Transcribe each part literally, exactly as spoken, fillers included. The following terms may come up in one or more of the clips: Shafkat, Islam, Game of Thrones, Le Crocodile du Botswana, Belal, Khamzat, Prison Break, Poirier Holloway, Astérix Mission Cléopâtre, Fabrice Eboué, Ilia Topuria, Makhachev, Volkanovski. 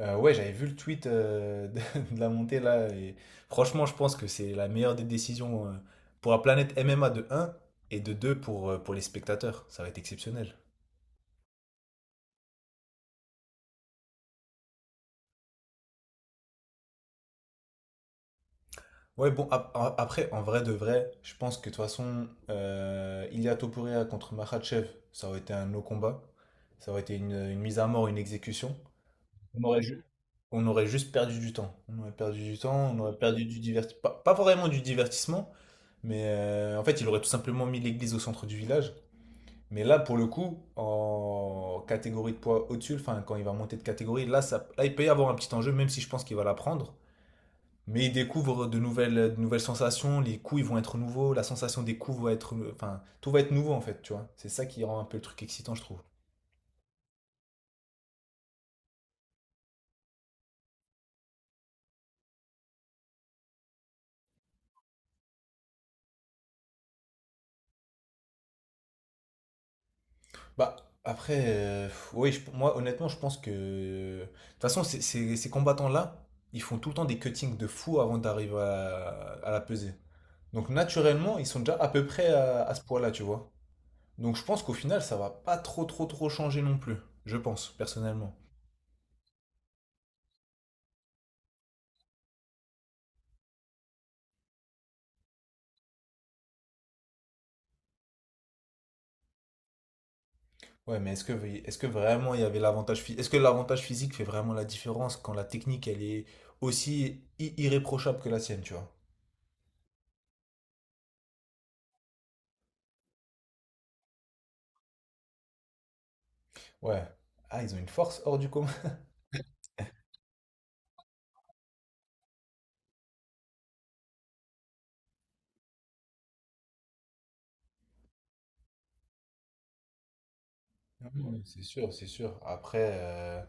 Euh, ouais, j'avais vu le tweet euh, de de la montée là, et franchement, je pense que c'est la meilleure des décisions euh, pour la planète M M A de un et de deux pour, euh, pour les spectateurs. Ça va être exceptionnel. Ouais, bon, ap- a- après, en vrai de vrai, je pense que de toute façon, euh, Ilia Topuria contre Makhachev, ça aurait été un no combat. Ça aurait été une, une mise à mort, une exécution. On aurait, ju- On aurait juste perdu du temps. On aurait perdu du temps, on aurait perdu du divertissement. Pas, pas vraiment du divertissement, mais euh, en fait, il aurait tout simplement mis l'église au centre du village. Mais là, pour le coup, en catégorie de poids au-dessus, enfin, quand il va monter de catégorie, là, ça, là, il peut y avoir un petit enjeu, même si je pense qu'il va la prendre. Mais il découvre de nouvelles, de nouvelles sensations, les coups, ils vont être nouveaux, la sensation des coups va être. Enfin, tout va être nouveau, en fait, tu vois. C'est ça qui rend un peu le truc excitant, je trouve. Bah, après, euh, oui, je- moi, honnêtement, je pense que. De toute façon, ces, ces- ces combattants-là, ils font tout le temps des cuttings de fou avant d'arriver à, à la peser. Donc, naturellement, ils sont déjà à peu près à, à ce poids-là, tu vois. Donc, je pense qu'au final, ça va pas trop, trop, trop changer non plus. Je pense, personnellement. Ouais, mais est-ce que, est-ce que vraiment il y avait l'avantage physique? Est-ce que l'avantage physique fait vraiment la différence quand la technique, elle est aussi i- irréprochable que la sienne, tu vois? Ouais. Ah, ils ont une force hors du commun. Ouais, c'est sûr, c'est sûr. Après, euh,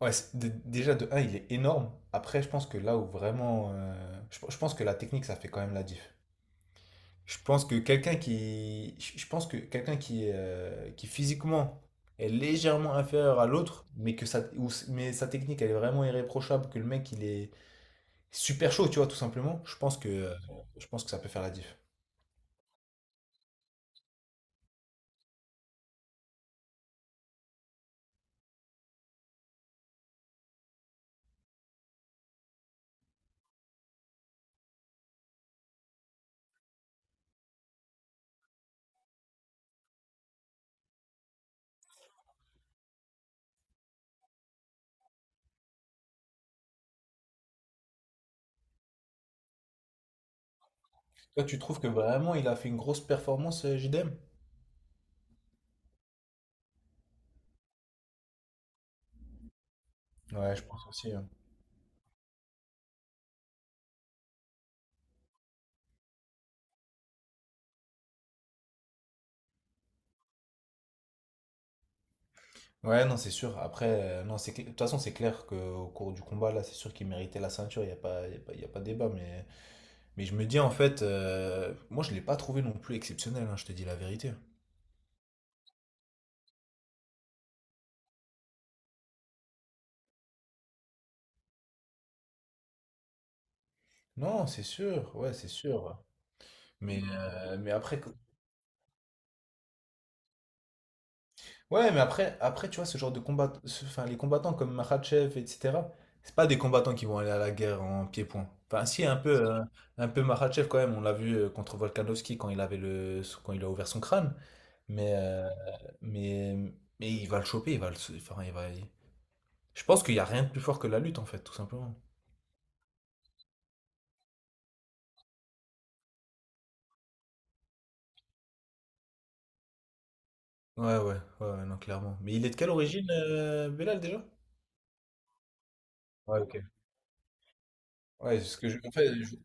ouais, c'est- dé- déjà de un il est énorme. Après, je pense que là où vraiment. euh, Je, je pense que la technique, ça fait quand même la diff. Je pense que quelqu'un qui. Je je pense que quelqu'un qui, euh, qui physiquement est légèrement inférieur à l'autre, mais que sa, ou s- mais sa technique, elle est vraiment irréprochable, que le mec, il est super chaud, tu vois, tout simplement. Je pense que, euh, je pense que ça peut faire la diff. Toi, tu trouves que vraiment, il a fait une grosse performance, euh, J D M? Ouais, je pense aussi. Ouais, non, c'est sûr. Après, euh, non, c'est cl- de toute façon, c'est clair qu'au cours du combat, là, c'est sûr qu'il méritait la ceinture. Il n'y a pas, y a pas, y a pas débat. Mais, mais je me dis, en fait, euh, moi, je ne l'ai pas trouvé non plus exceptionnel, hein, je te dis la vérité. Non, c'est sûr. Ouais, c'est sûr. Mais, euh, mais après, Ouais, mais après, après, tu vois, ce genre de combat, ce- enfin, les combattants comme Makhachev, et cetera, c'est pas des combattants qui vont aller à la guerre en pied-point. Enfin, si, un peu, euh, un peu Makhachev quand même, on l'a vu euh, contre Volkanovski quand il avait le, quand il a ouvert son crâne. Mais, euh, mais, mais il va le choper, il va le, enfin, il va, il- je pense qu'il n'y a rien de plus fort que la lutte, en fait, tout simplement. Ouais, ouais, ouais, ouais, non, clairement. Mais il est de quelle origine, euh, Belal, déjà? Ouais, ok. Ouais, c'est ce que je, en fait, je-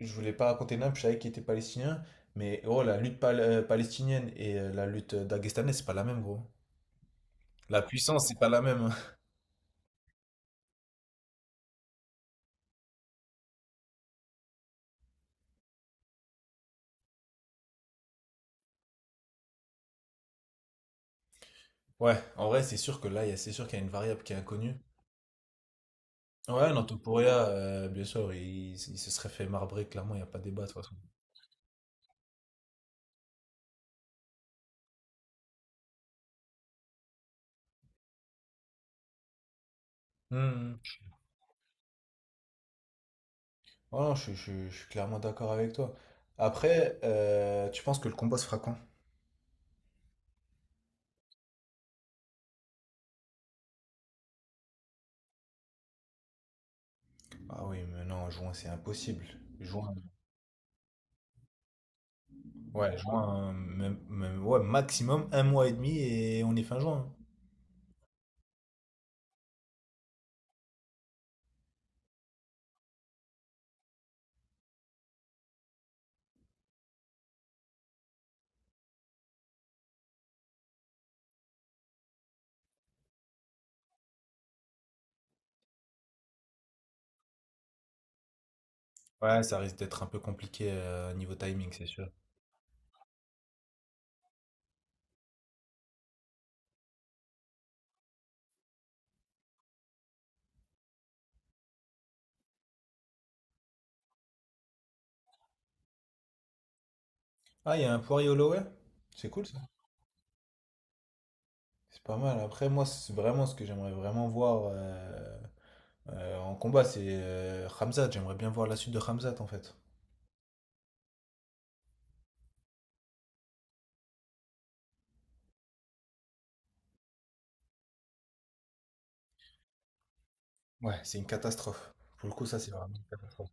je voulais pas raconter nain, puis je savais qu'il était palestinien. Mais oh, la lutte pal- euh, palestinienne et euh, la lutte dagestanaise, c'est pas la même, gros. La puissance, c'est pas la même. Ouais, en vrai, c'est sûr que là, il y a- c'est sûr qu'il y a une variable qui est inconnue. Ouais, dans Topuria, euh, bien sûr, il, il se serait fait marbrer, clairement, il n'y a pas débat, de toute façon. Hmm. Oh non, je, suis- je suis je suis clairement d'accord avec toi. Après, euh, tu penses que le combat se fera quand? Ah oui, mais non, juin, c'est impossible. Juin, ouais, juin, même, même- ouais, maximum un mois et demi et on est fin juin. Ouais, ça risque d'être un peu compliqué euh, niveau timing, c'est sûr. Ah, il y a un Poirier Holloway? C'est cool ça. C'est pas mal. Après, moi, c'est vraiment ce que j'aimerais vraiment voir euh, euh, en combat, c'est euh, Khamzat. J'aimerais bien voir la suite de Khamzat en fait. Ouais, c'est une catastrophe. Pour le coup, ça, c'est vraiment une catastrophe.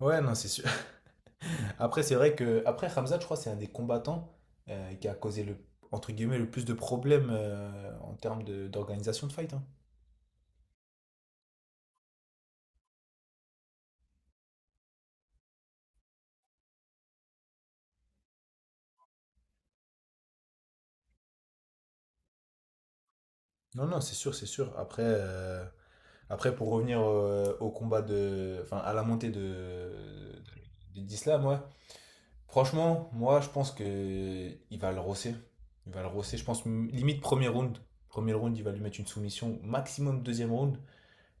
Ouais, non, c'est sûr. Après, c'est vrai que après Khamzat, je crois, c'est un des combattants euh, qui a causé le entre guillemets le plus de problèmes euh, en termes de- d'organisation de fight. Hein. Non, non, c'est sûr, c'est sûr. Après, euh, Après, pour revenir euh, au combat de. Enfin, à la montée de, de- de- d'Islam, ouais. Franchement, moi, je pense que il va le rosser. Il va le rosser. Je pense m- limite premier round. Premier round, il va lui mettre une soumission, maximum deuxième round.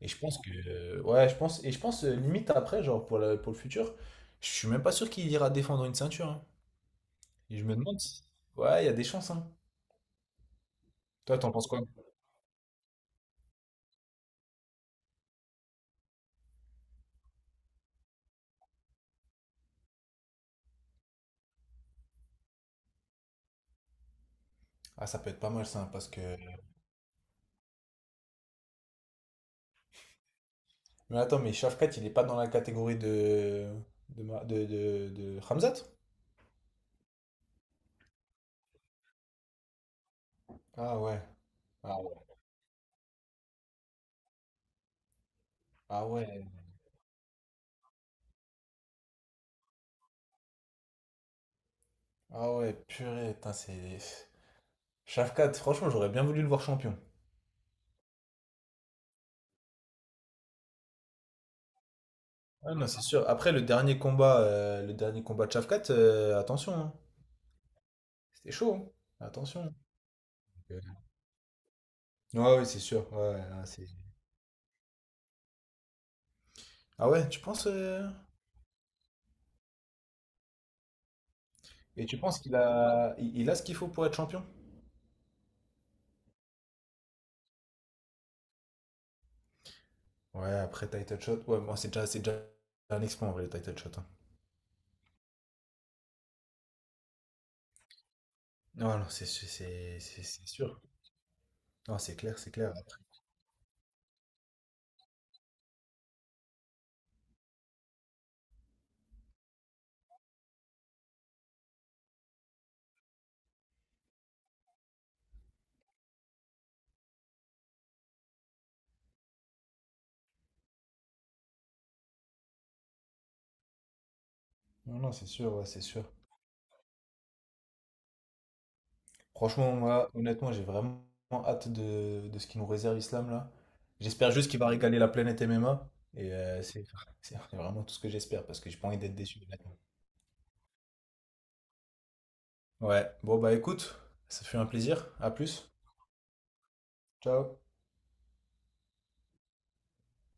Et je pense que. Euh, ouais, je pense. Et je pense euh, limite après, genre pour, la- pour le futur, je suis même pas sûr qu'il ira défendre une ceinture. Hein. Et je me demande si- ouais, il y a des chances, hein. Toi, t'en penses quoi? Ah, ça peut être pas mal ça, parce que mais attends, mais Shafkat, il est pas dans la catégorie de. De. Ma- de, de, de Hamzat? Ah ouais. Ah ouais. Ah ouais. Ah ouais, purée, putain, c'est. Shafkat, franchement, j'aurais bien voulu le voir champion. Ah non, c'est sûr. Après, le dernier combat, euh, le dernier combat de Shafkat, euh, attention, hein. C'était chaud, hein. Attention. Ouais, ouais, c'est sûr. Ouais, ouais, là, c'est- ah ouais, tu penses. euh, Et tu penses qu'il a. Il, il a ce qu'il faut pour être champion? Ouais, après title shot. Ouais, bon, c'est déjà, c'est déjà un exploit en vrai, le title shot. Hein. Non, non, c'est c'est- c'est- c'est- c'est sûr. Non, c'est clair, c'est clair. Non, non, c'est sûr, ouais, c'est sûr. Franchement, moi, honnêtement, j'ai vraiment hâte de, de ce qu'il nous réserve, Islam, là. J'espère juste qu'il va régaler la planète M M A. Et euh, c'est c'est vraiment tout ce que j'espère, parce que j'ai pas envie d'être déçu, honnêtement. Ouais, bon, bah écoute, ça fait un plaisir. À plus. Ciao.